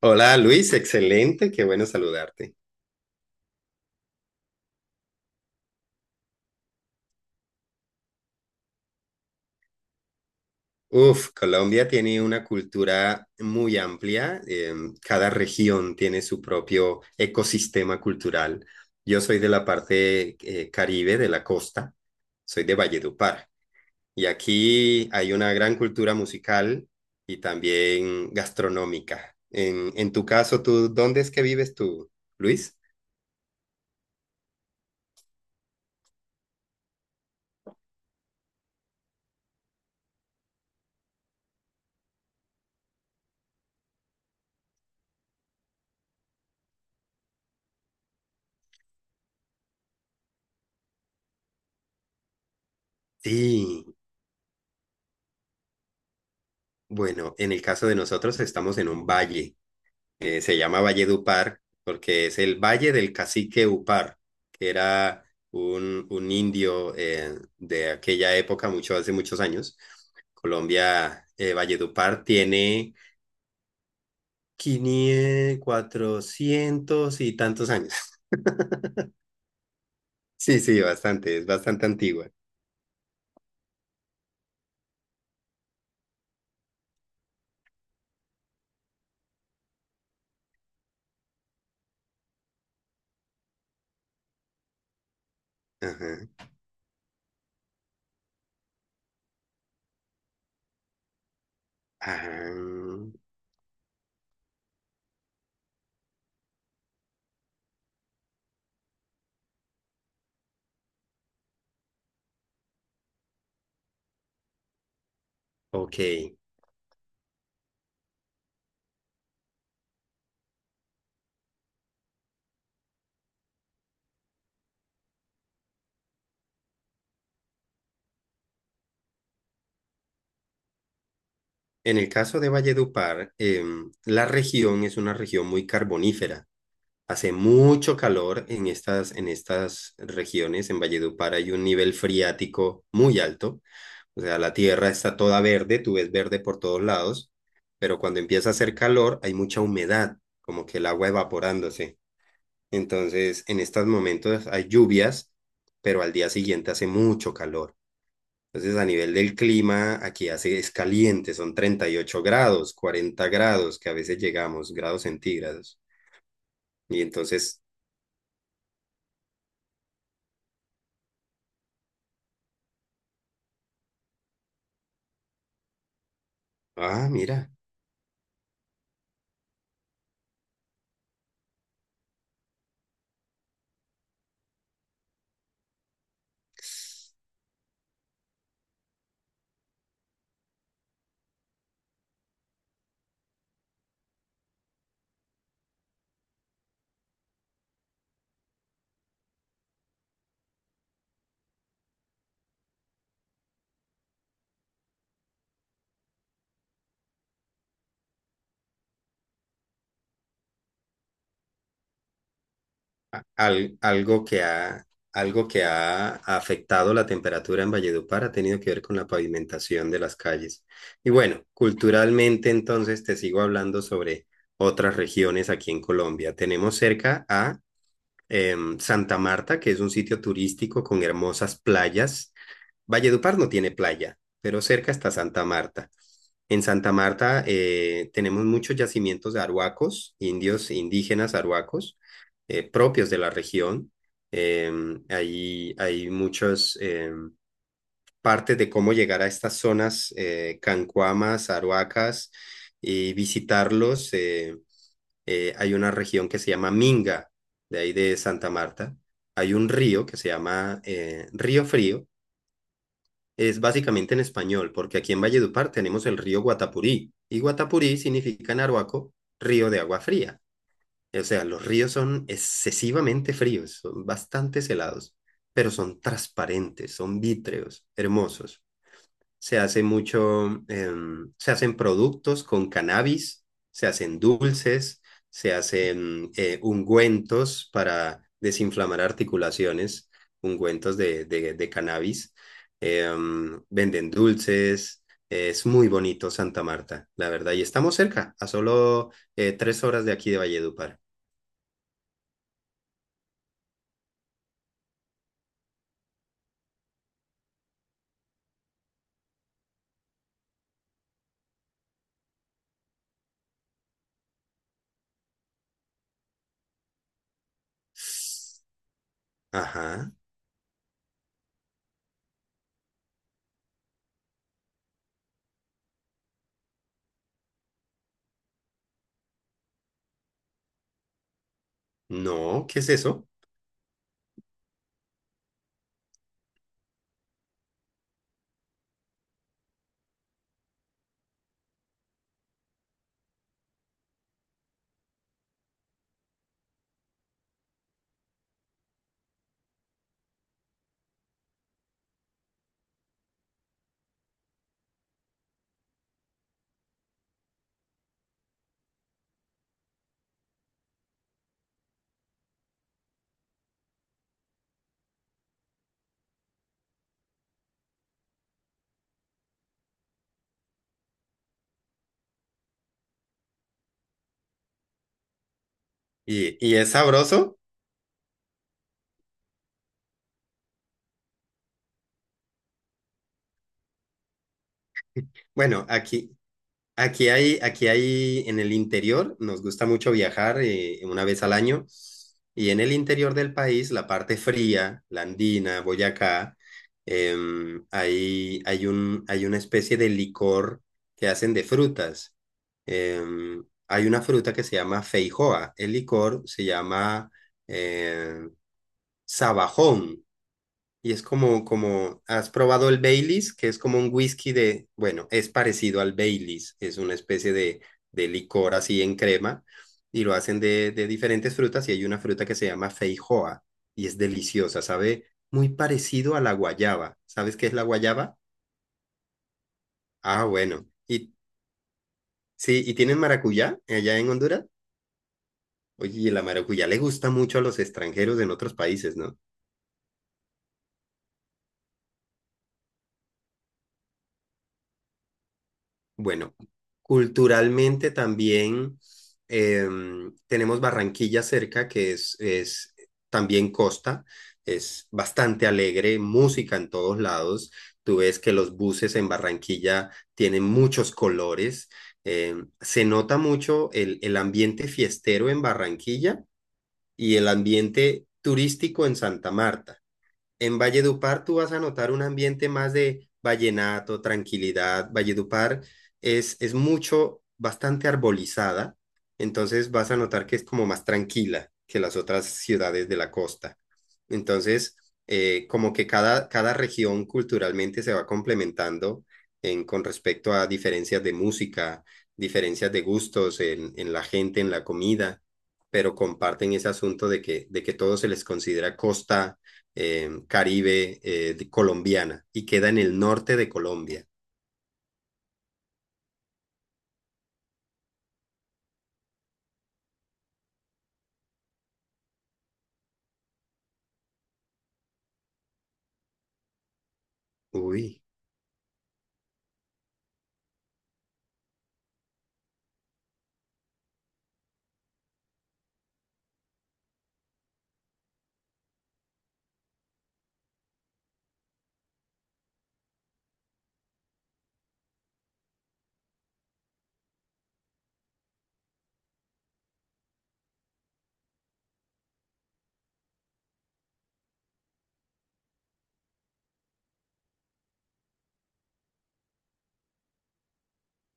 Hola Luis, excelente, qué bueno saludarte. Uf, Colombia tiene una cultura muy amplia, cada región tiene su propio ecosistema cultural. Yo soy de la parte Caribe, de la costa, soy de Valledupar y aquí hay una gran cultura musical y también gastronómica. En tu caso, ¿tú dónde es que vives tú, Luis? Sí, bueno, en el caso de nosotros estamos en un valle. Se llama Valle de Upar porque es el Valle del Cacique Upar, que era un indio de aquella época, mucho hace muchos años. Colombia, Valledupar tiene 500 400 y tantos años. Sí, sí, bastante, es bastante antigua. Ajá. Ah, ok. En el caso de Valledupar, la región es una región muy carbonífera. Hace mucho calor en estas regiones. En Valledupar hay un nivel friático muy alto. O sea, la tierra está toda verde, tú ves verde por todos lados, pero cuando empieza a hacer calor hay mucha humedad, como que el agua evaporándose. Entonces, en estos momentos hay lluvias, pero al día siguiente hace mucho calor. Entonces, a nivel del clima, aquí hace, es caliente, son 38 grados, 40 grados, que a veces llegamos, grados centígrados. Y entonces, ah, mira. Algo que ha afectado la temperatura en Valledupar ha tenido que ver con la pavimentación de las calles. Y bueno, culturalmente entonces te sigo hablando sobre otras regiones aquí en Colombia. Tenemos cerca a Santa Marta, que es un sitio turístico con hermosas playas. Valledupar no tiene playa, pero cerca está Santa Marta. En Santa Marta tenemos muchos yacimientos de arhuacos, indios indígenas arhuacos, propios de la región. Eh, Ahí hay muchas partes de cómo llegar a estas zonas cancuamas, arhuacas y visitarlos. Hay una región que se llama Minga, de ahí de Santa Marta. Hay un río que se llama Río Frío, es básicamente en español, porque aquí en Valledupar tenemos el río Guatapurí, y Guatapurí significa en Arhuaco río de agua fría. O sea, los ríos son excesivamente fríos, son bastante helados, pero son transparentes, son vítreos, hermosos. Se hace mucho, se hacen productos con cannabis, se hacen dulces, se hacen ungüentos para desinflamar articulaciones, ungüentos de cannabis, venden dulces, es muy bonito Santa Marta, la verdad, y estamos cerca, a solo 3 horas de aquí de Valledupar. Ajá, no, ¿qué es eso? ¿Y es sabroso? Bueno, aquí hay en el interior, nos gusta mucho viajar una vez al año, y en el interior del país, la parte fría, la andina, Boyacá, hay una especie de licor que hacen de frutas. Hay una fruta que se llama feijoa, el licor se llama eh, sabajón. Y es como, como, ¿has probado el Baileys? Que es como un whisky de, bueno, es parecido al Baileys, es una especie de licor así en crema y lo hacen de diferentes frutas y hay una fruta que se llama feijoa y es deliciosa, sabe muy parecido a la guayaba. ¿Sabes qué es la guayaba? Ah, bueno. Y sí, ¿y tienen maracuyá allá en Honduras? Oye, y la maracuyá le gusta mucho a los extranjeros en otros países, ¿no? Bueno, culturalmente también tenemos Barranquilla cerca, que es también costa, es bastante alegre, música en todos lados. Tú ves que los buses en Barranquilla tienen muchos colores. Se nota mucho el ambiente fiestero en Barranquilla y el ambiente turístico en Santa Marta. En Valledupar tú vas a notar un ambiente más de vallenato, tranquilidad. Valledupar es mucho, bastante arbolizada, entonces vas a notar que es como más tranquila que las otras ciudades de la costa. Entonces, como que cada región culturalmente se va complementando con respecto a diferencias de música, diferencias de gustos en la gente, en la comida, pero comparten ese asunto de que todo se les considera costa caribe colombiana y queda en el norte de Colombia. Uy,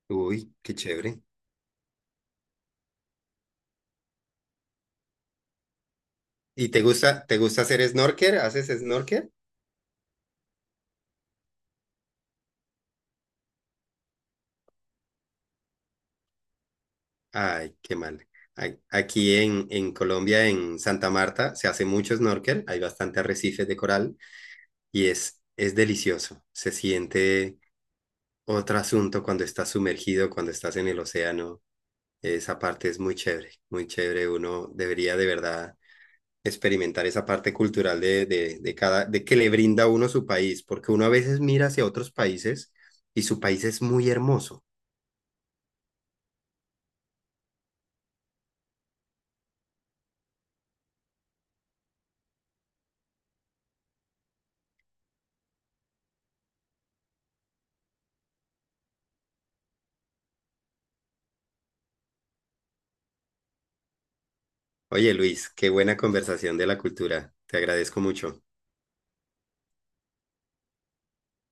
uy, qué chévere. ¿Y te gusta hacer snorkel? ¿Haces snorkel? Ay, qué mal. Ay, aquí en Colombia, en Santa Marta, se hace mucho snorkel, hay bastante arrecifes de coral y es delicioso. Se siente otro asunto cuando estás sumergido, cuando estás en el océano. Esa parte es muy chévere, muy chévere. Uno debería de verdad experimentar esa parte cultural de que le brinda a uno su país, porque uno a veces mira hacia otros países y su país es muy hermoso. Oye, Luis, qué buena conversación de la cultura. Te agradezco mucho.